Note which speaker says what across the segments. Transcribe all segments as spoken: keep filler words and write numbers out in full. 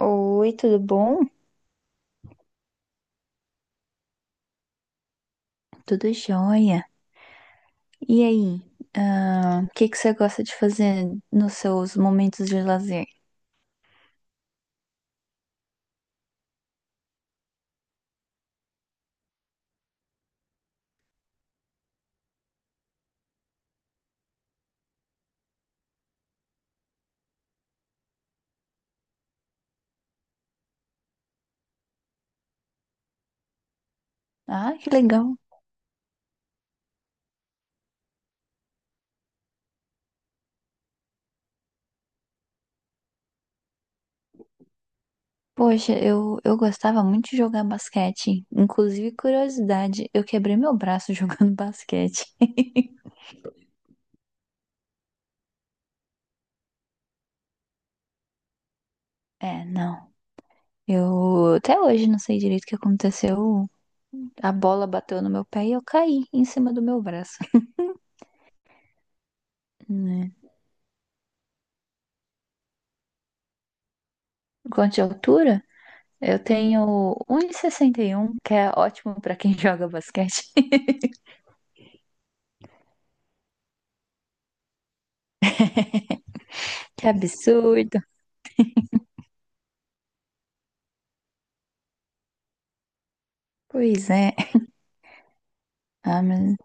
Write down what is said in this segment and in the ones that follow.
Speaker 1: Oi, tudo bom? Tudo jóia. E aí, ah, o que que você gosta de fazer nos seus momentos de lazer? Ah, que legal. Poxa, eu, eu gostava muito de jogar basquete. Inclusive, curiosidade, eu quebrei meu braço jogando basquete. É, não. Eu até hoje não sei direito o que aconteceu. A bola bateu no meu pé e eu caí em cima do meu braço. Né? Quanto de altura? Eu tenho um e e sessenta e um, que é ótimo pra quem joga basquete. Que absurdo. Pois é. Ah, mas,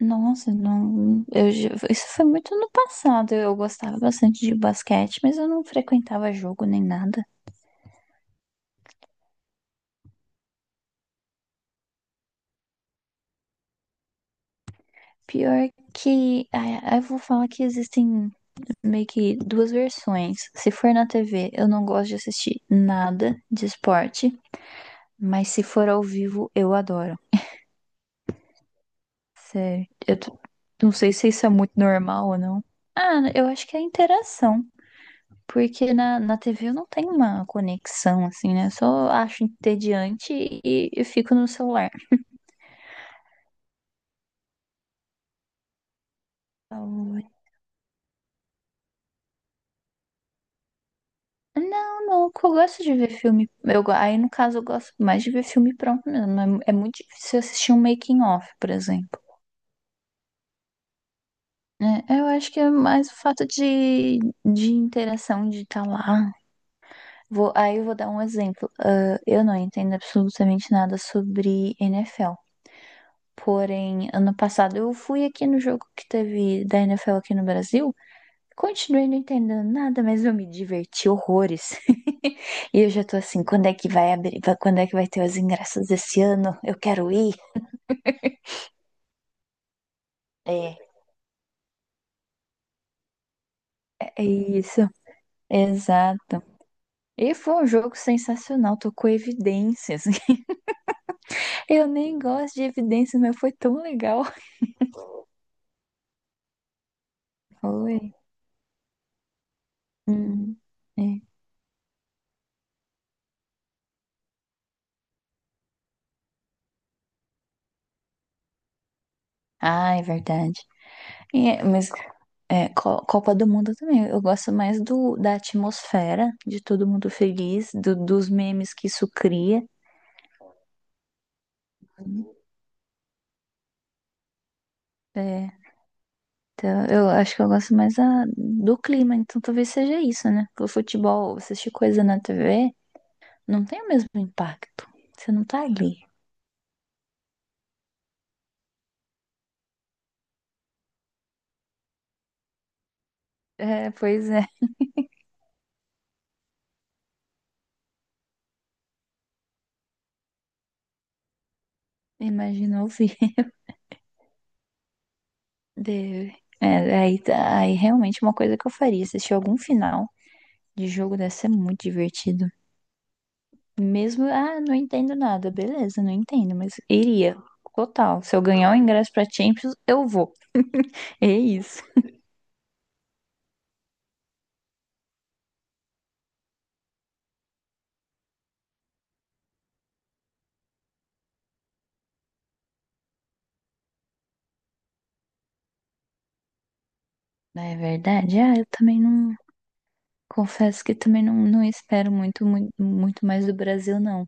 Speaker 1: nossa, não, eu, já- isso foi muito no passado. Eu gostava bastante de basquete, mas eu não frequentava jogo nem nada. Pior que, ah, eu vou falar que existem meio que duas versões. Se for na T V, eu não gosto de assistir nada de esporte, mas se for ao vivo, eu adoro. Sério, eu tô- não sei se isso é muito normal ou não. Ah, eu acho que é a interação. Porque na, na T V eu não tenho uma conexão, assim, né? Eu só acho entediante e, e fico no celular. Então, não, não, que eu gosto de ver filme. Eu, go- aí, no caso, eu gosto mais de ver filme pronto mesmo. É, é muito difícil assistir um making-of, por exemplo. É, eu acho que é mais o fato de, de interação, de estar lá. Vou, aí eu vou dar um exemplo. Ah, eu não entendo absolutamente nada sobre N F L. Porém, ano passado eu fui aqui no jogo que teve da N F L aqui no Brasil. Continuei não entendendo nada, mas eu me diverti horrores. E eu já tô assim, quando é que vai abrir? vai- Quando é que vai ter os ingressos esse ano? Eu quero ir. É, é isso. Exato. E foi um jogo sensacional, tocou evidências. Eu nem gosto de evidências, mas foi tão legal. Foi. Hum, é. Ah, é verdade. É, mas é, Co- Copa do Mundo também. Eu gosto mais do, da atmosfera, de todo mundo feliz, do- dos memes que isso cria. É, então, eu acho que eu gosto mais da- do clima, então talvez seja isso, né? Porque o futebol, você assistir coisa na T V, não tem o mesmo impacto. Você não tá ali. É, pois é. Imagina ouvir. Deve. É, aí, tá- aí realmente uma coisa que eu faria, assistir algum final de jogo deve ser muito divertido. Mesmo, ah, não entendo nada, beleza, não entendo, mas iria. Total. Se eu ganhar o ingresso pra Champions, eu vou. É isso. É verdade. Ah, eu também não. Confesso que também não, não espero muito, muito, muito mais do Brasil, não.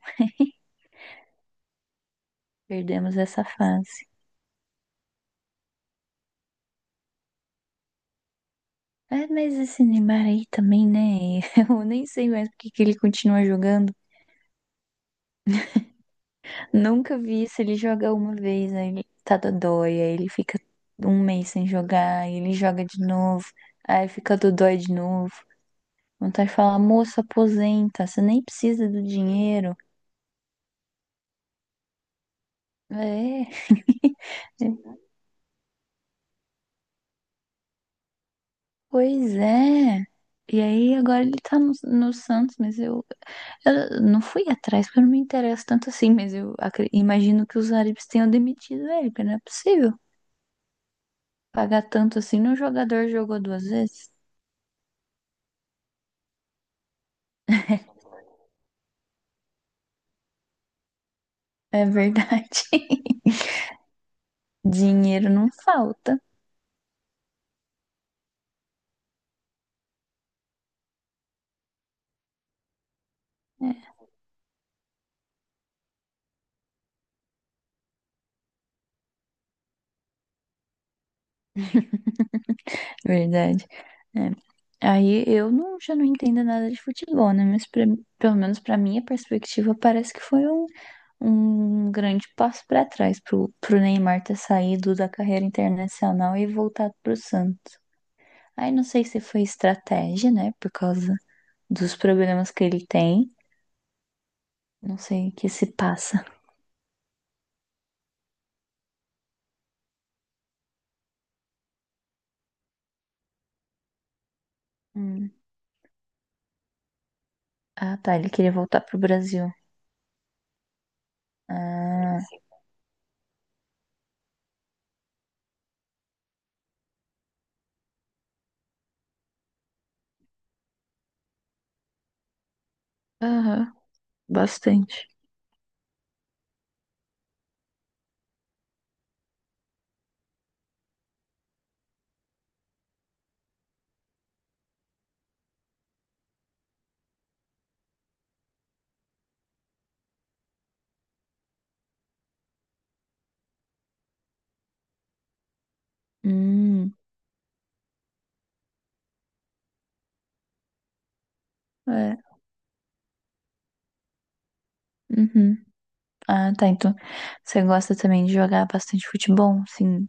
Speaker 1: Perdemos essa fase. É, mas esse Neymar aí também, né? Eu nem sei mais por que que ele continua jogando. Nunca vi isso. Ele joga uma vez, aí ele tá dodói, aí ele fica um mês sem jogar, aí ele joga de novo, aí fica dodói de novo. Vontade de falar, moço, aposenta, você nem precisa do dinheiro. É. Pois é. E aí agora ele tá no, no Santos, mas eu, eu não fui atrás porque eu não me interesso tanto assim, mas eu acre- imagino que os árabes tenham demitido ele, porque não é possível pagar tanto assim num jogador que jogou duas vezes. É verdade. Dinheiro não falta. É verdade. É. Aí eu não, já não entendo nada de futebol, né? Mas pra- pelo menos para minha perspectiva, parece que foi um, um grande passo para trás pro, pro Neymar ter saído da carreira internacional e voltado pro Santos. Aí não sei se foi estratégia, né? Por causa dos problemas que ele tem. Não sei o que se passa. Hum. Ah, tá. Ele queria voltar pro Brasil. Ah, aham, bastante. Hum, é. Uhum. Ah, tá. Então, você gosta também de jogar bastante futebol, sim,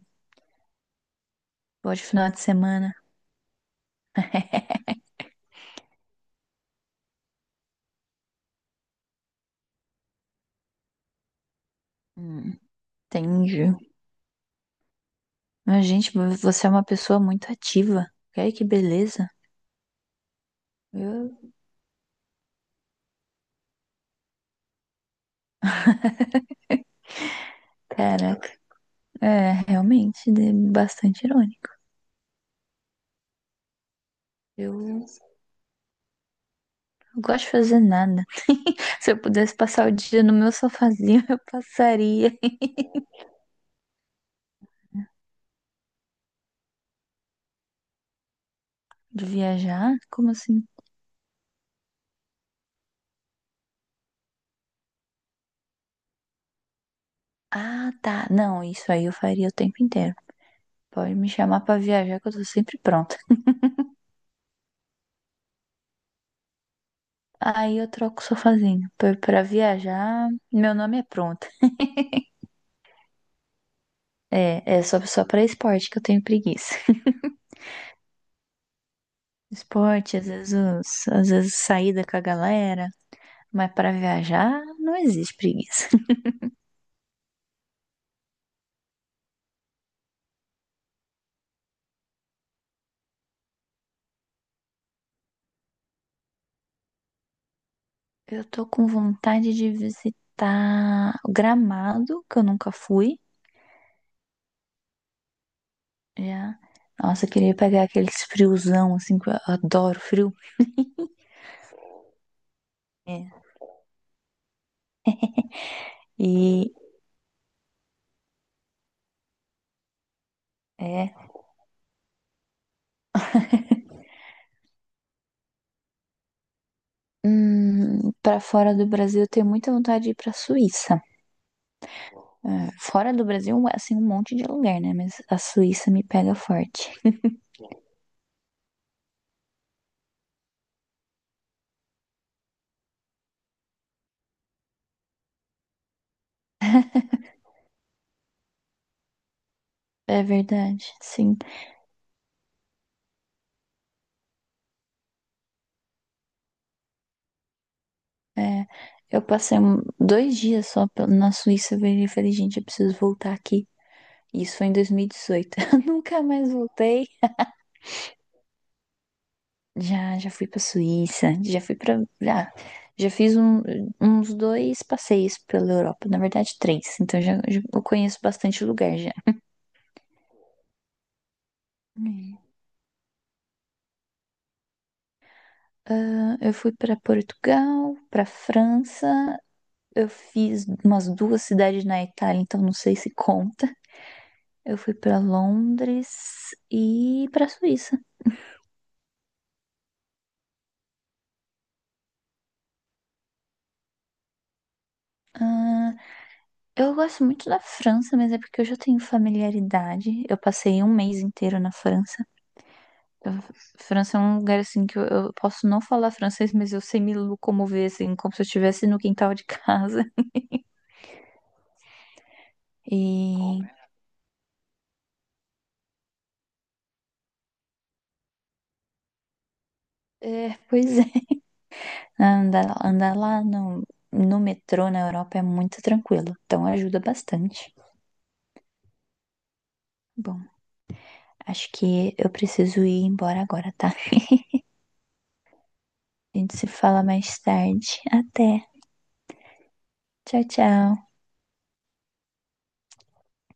Speaker 1: pode final de semana. Hum, entendi. Mas, gente, você é uma pessoa muito ativa. Olha que beleza. Eu, Caraca. É, realmente, de- bastante irônico. Eu não gosto de fazer nada. Se eu pudesse passar o dia no meu sofazinho, eu passaria. De viajar? Como assim? Ah, tá. Não, isso aí eu faria o tempo inteiro. Pode me chamar pra viajar que eu tô sempre pronta. Aí eu troco o sofazinho pra, pra viajar. Meu nome é pronta. É, é só, só pra esporte que eu tenho preguiça. Esporte, às vezes, os- às vezes saída com a galera, mas pra viajar não existe preguiça. Eu tô com vontade de visitar o Gramado, que eu nunca fui. Já. Nossa, eu queria pegar aqueles friozão, assim, que eu adoro frio. É. E é. Hum, para fora do Brasil, eu tenho muita vontade de ir pra Suíça. Fora do Brasil, é, assim, um monte de lugar, né? Mas a Suíça me pega forte. É verdade, sim. É, eu passei um- dois dias só pe- na Suíça, eu virei e falei, gente, eu preciso voltar aqui. Isso foi em dois mil e dezoito. Nunca mais voltei. Já, já fui pra Suíça, já fui pra. Já, já fiz um- uns dois passeios pela Europa, na verdade, três. Então já, já- eu conheço bastante lugar já. Hum. Eu fui pra Portugal, pra França, eu fiz umas duas cidades na Itália, então não sei se conta. Eu fui pra Londres e pra Suíça. Ah, eu gosto muito da França, mas é porque eu já tenho familiaridade. Eu passei um mês inteiro na França. Eu- França é um lugar assim que eu, eu posso não falar francês, mas eu sei me locomover assim, como se eu estivesse no quintal de casa. E é, pois é, andar, andar lá no, no metrô na Europa é muito tranquilo, então ajuda bastante. Bom. Acho que eu preciso ir embora agora, tá? A gente se fala mais tarde. Até. Tchau, tchau.